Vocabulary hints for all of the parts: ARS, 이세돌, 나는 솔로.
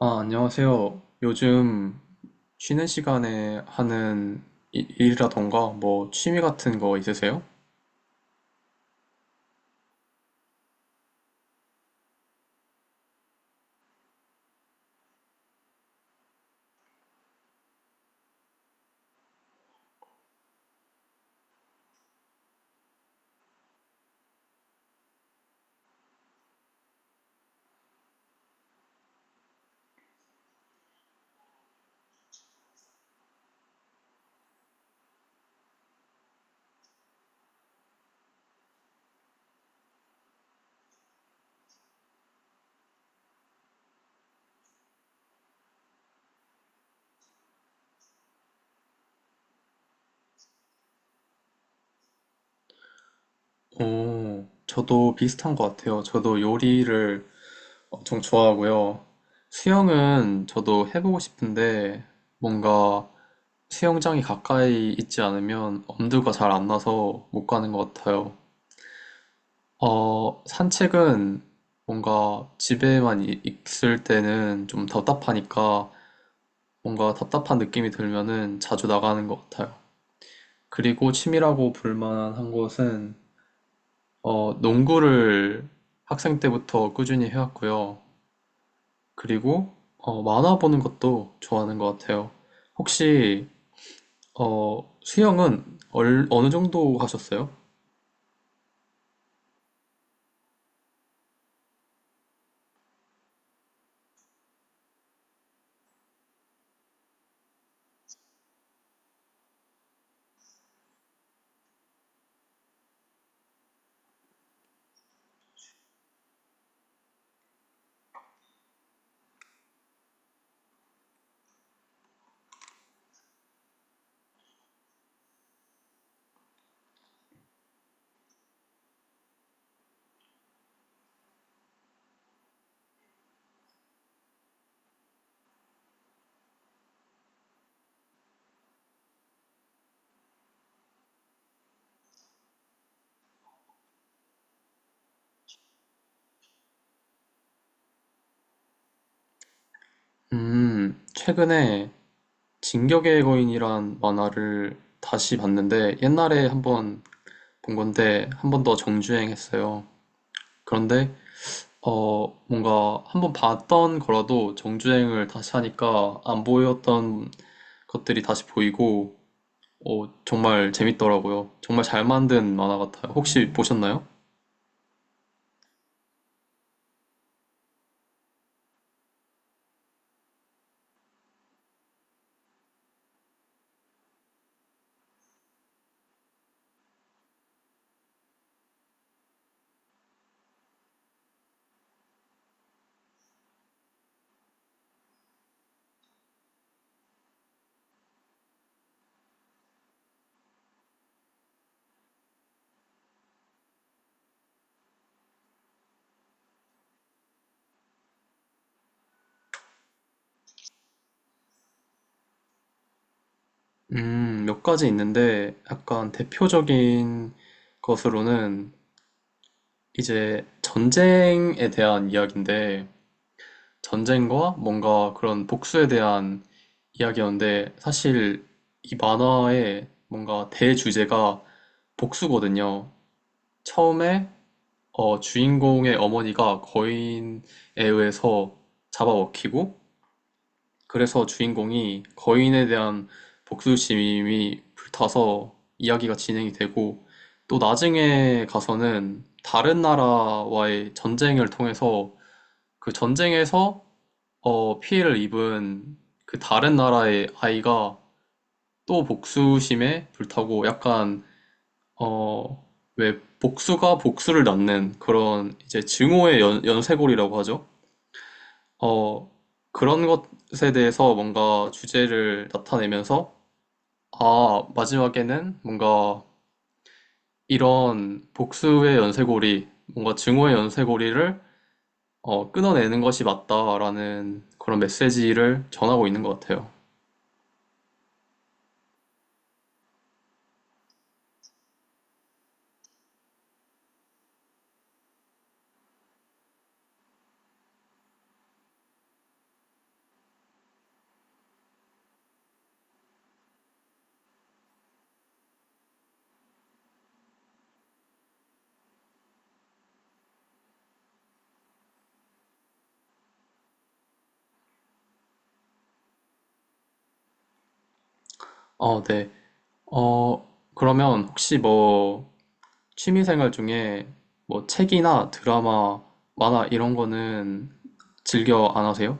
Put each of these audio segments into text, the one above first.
아, 안녕하세요. 요즘 쉬는 시간에 하는 일이라던가 뭐 취미 같은 거 있으세요? 오, 저도 비슷한 것 같아요. 저도 요리를 엄청 좋아하고요. 수영은 저도 해보고 싶은데 뭔가 수영장이 가까이 있지 않으면 엄두가 잘 안 나서 못 가는 것 같아요. 산책은 뭔가 집에만 있을 때는 좀 답답하니까 뭔가 답답한 느낌이 들면은 자주 나가는 것 같아요. 그리고 취미라고 볼만한 것은 농구를 학생 때부터 꾸준히 해왔고요. 그리고 만화 보는 것도 좋아하는 것 같아요. 혹시 수영은 어느 정도 하셨어요? 최근에 진격의 거인이란 만화를 다시 봤는데 옛날에 한번 본 건데 한 번 더 정주행했어요. 그런데 뭔가 한번 봤던 거라도 정주행을 다시 하니까 안 보였던 것들이 다시 보이고, 어, 정말 재밌더라고요. 정말 잘 만든 만화 같아요. 혹시 보셨나요? 몇 가지 있는데 약간 대표적인 것으로는 이제 전쟁에 대한 이야기인데, 전쟁과 뭔가 그런 복수에 대한 이야기였는데, 사실 이 만화의 뭔가 대주제가 복수거든요. 처음에 주인공의 어머니가 거인에 의해서 잡아먹히고 그래서 주인공이 거인에 대한 복수심이 불타서 이야기가 진행이 되고 또 나중에 가서는 다른 나라와의 전쟁을 통해서 그 전쟁에서 피해를 입은 그 다른 나라의 아이가 또 복수심에 불타고 약간 어, 왜 복수가 복수를 낳는 그런 이제 증오의 연쇄골이라고 하죠. 어, 그런 것에 대해서 뭔가 주제를 나타내면서 아, 마지막에는 뭔가 이런 복수의 연쇄골이 뭔가 증오의 연쇄골이를 어, 끊어내는 것이 맞다라는 그런 메시지를 전하고 있는 것 같아요. 어, 네. 어, 그러면 혹시 뭐 취미생활 중에 뭐 책이나 드라마, 만화 이런 거는 즐겨 안 하세요?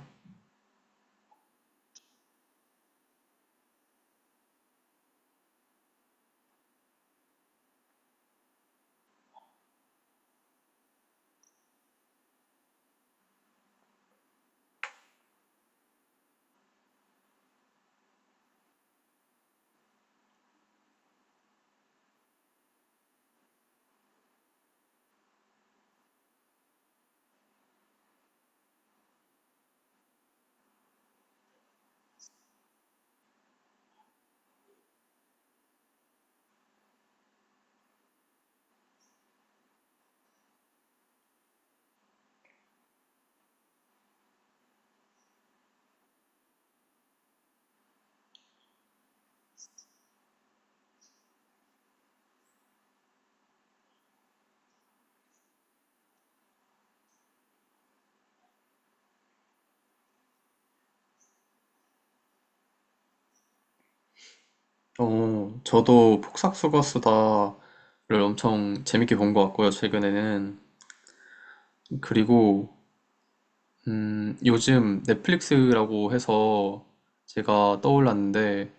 어, 저도 폭삭수가 수다를 엄청 재밌게 본 것 같고요, 최근에는. 그리고, 요즘 넷플릭스라고 해서 제가 떠올랐는데,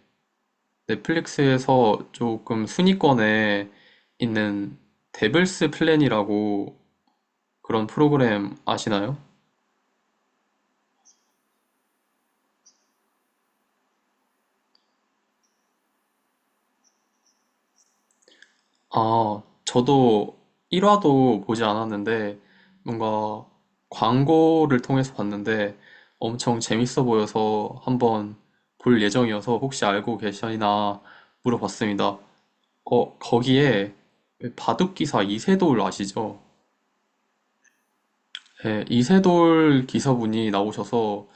넷플릭스에서 조금 순위권에 있는 데블스 플랜이라고 그런 프로그램 아시나요? 아, 저도 1화도 보지 않았는데, 뭔가 광고를 통해서 봤는데 엄청 재밌어 보여서 한번 볼 예정이어서 혹시 알고 계시나 물어봤습니다. 어, 거기에 바둑기사 이세돌 아시죠? 네, 이세돌 기사분이 나오셔서,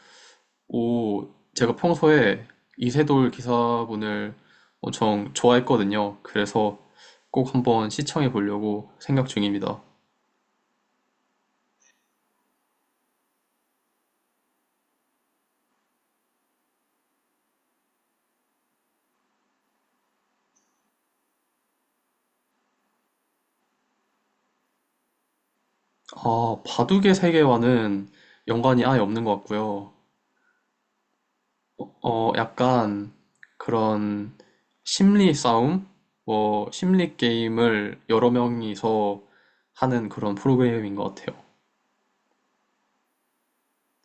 오, 제가 평소에 이세돌 기사분을 엄청 좋아했거든요. 그래서 꼭 한번 시청해 보려고 생각 중입니다. 아, 바둑의 세계와는 연관이 아예 없는 것 같고요. 어, 약간 그런 심리 싸움? 뭐, 심리 게임을 여러 명이서 하는 그런 프로그램인 것 같아요.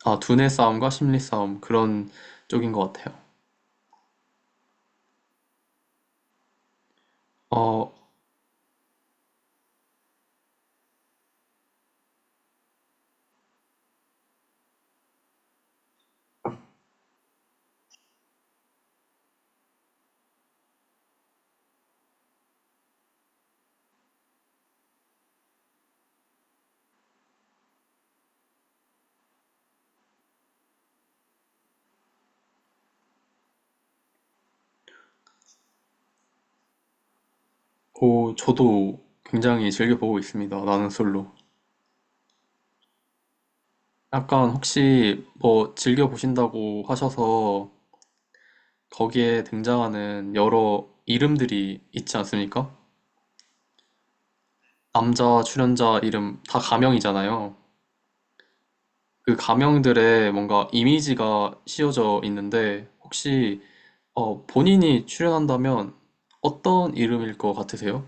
아, 두뇌 싸움과 심리 싸움, 그런 쪽인 것 같아요. 어, 오, 저도 굉장히 즐겨보고 있습니다. 나는 솔로. 약간 혹시 뭐 즐겨보신다고 하셔서 거기에 등장하는 여러 이름들이 있지 않습니까? 남자 출연자 이름 다 가명이잖아요. 그 가명들의 뭔가 이미지가 씌워져 있는데 혹시 본인이 출연한다면 어떤 이름일 것 같으세요?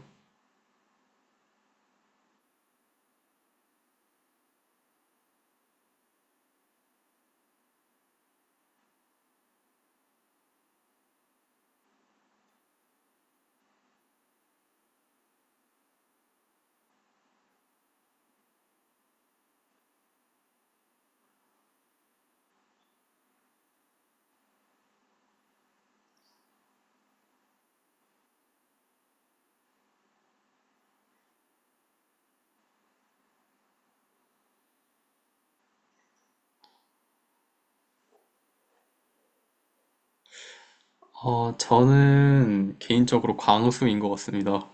어, 저는 개인적으로 광수인 것 같습니다.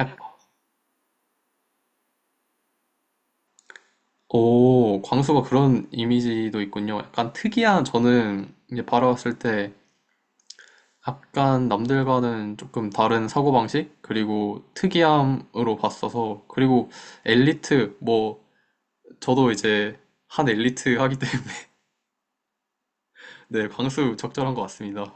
약- 오, 광수가 그런 이미지도 있군요. 약간 특이한 저는 이제 바라봤을 때 약간 남들과는 조금 다른 사고방식 그리고 특이함으로 봤어서 그리고 엘리트 뭐 저도 이제 한 엘리트 하기 때문에 네, 광수 적절한 것 같습니다.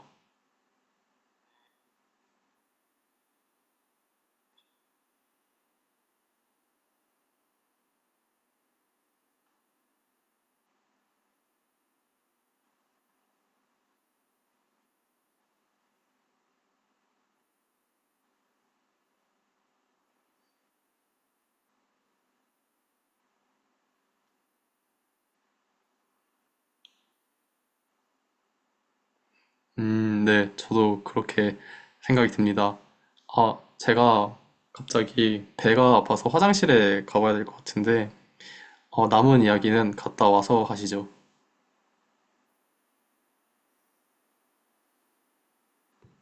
네, 저도 그렇게 생각이 듭니다. 아, 제가 갑자기 배가 아파서 화장실에 가봐야 될 것 같은데 어, 남은 이야기는 갔다 와서 하시죠.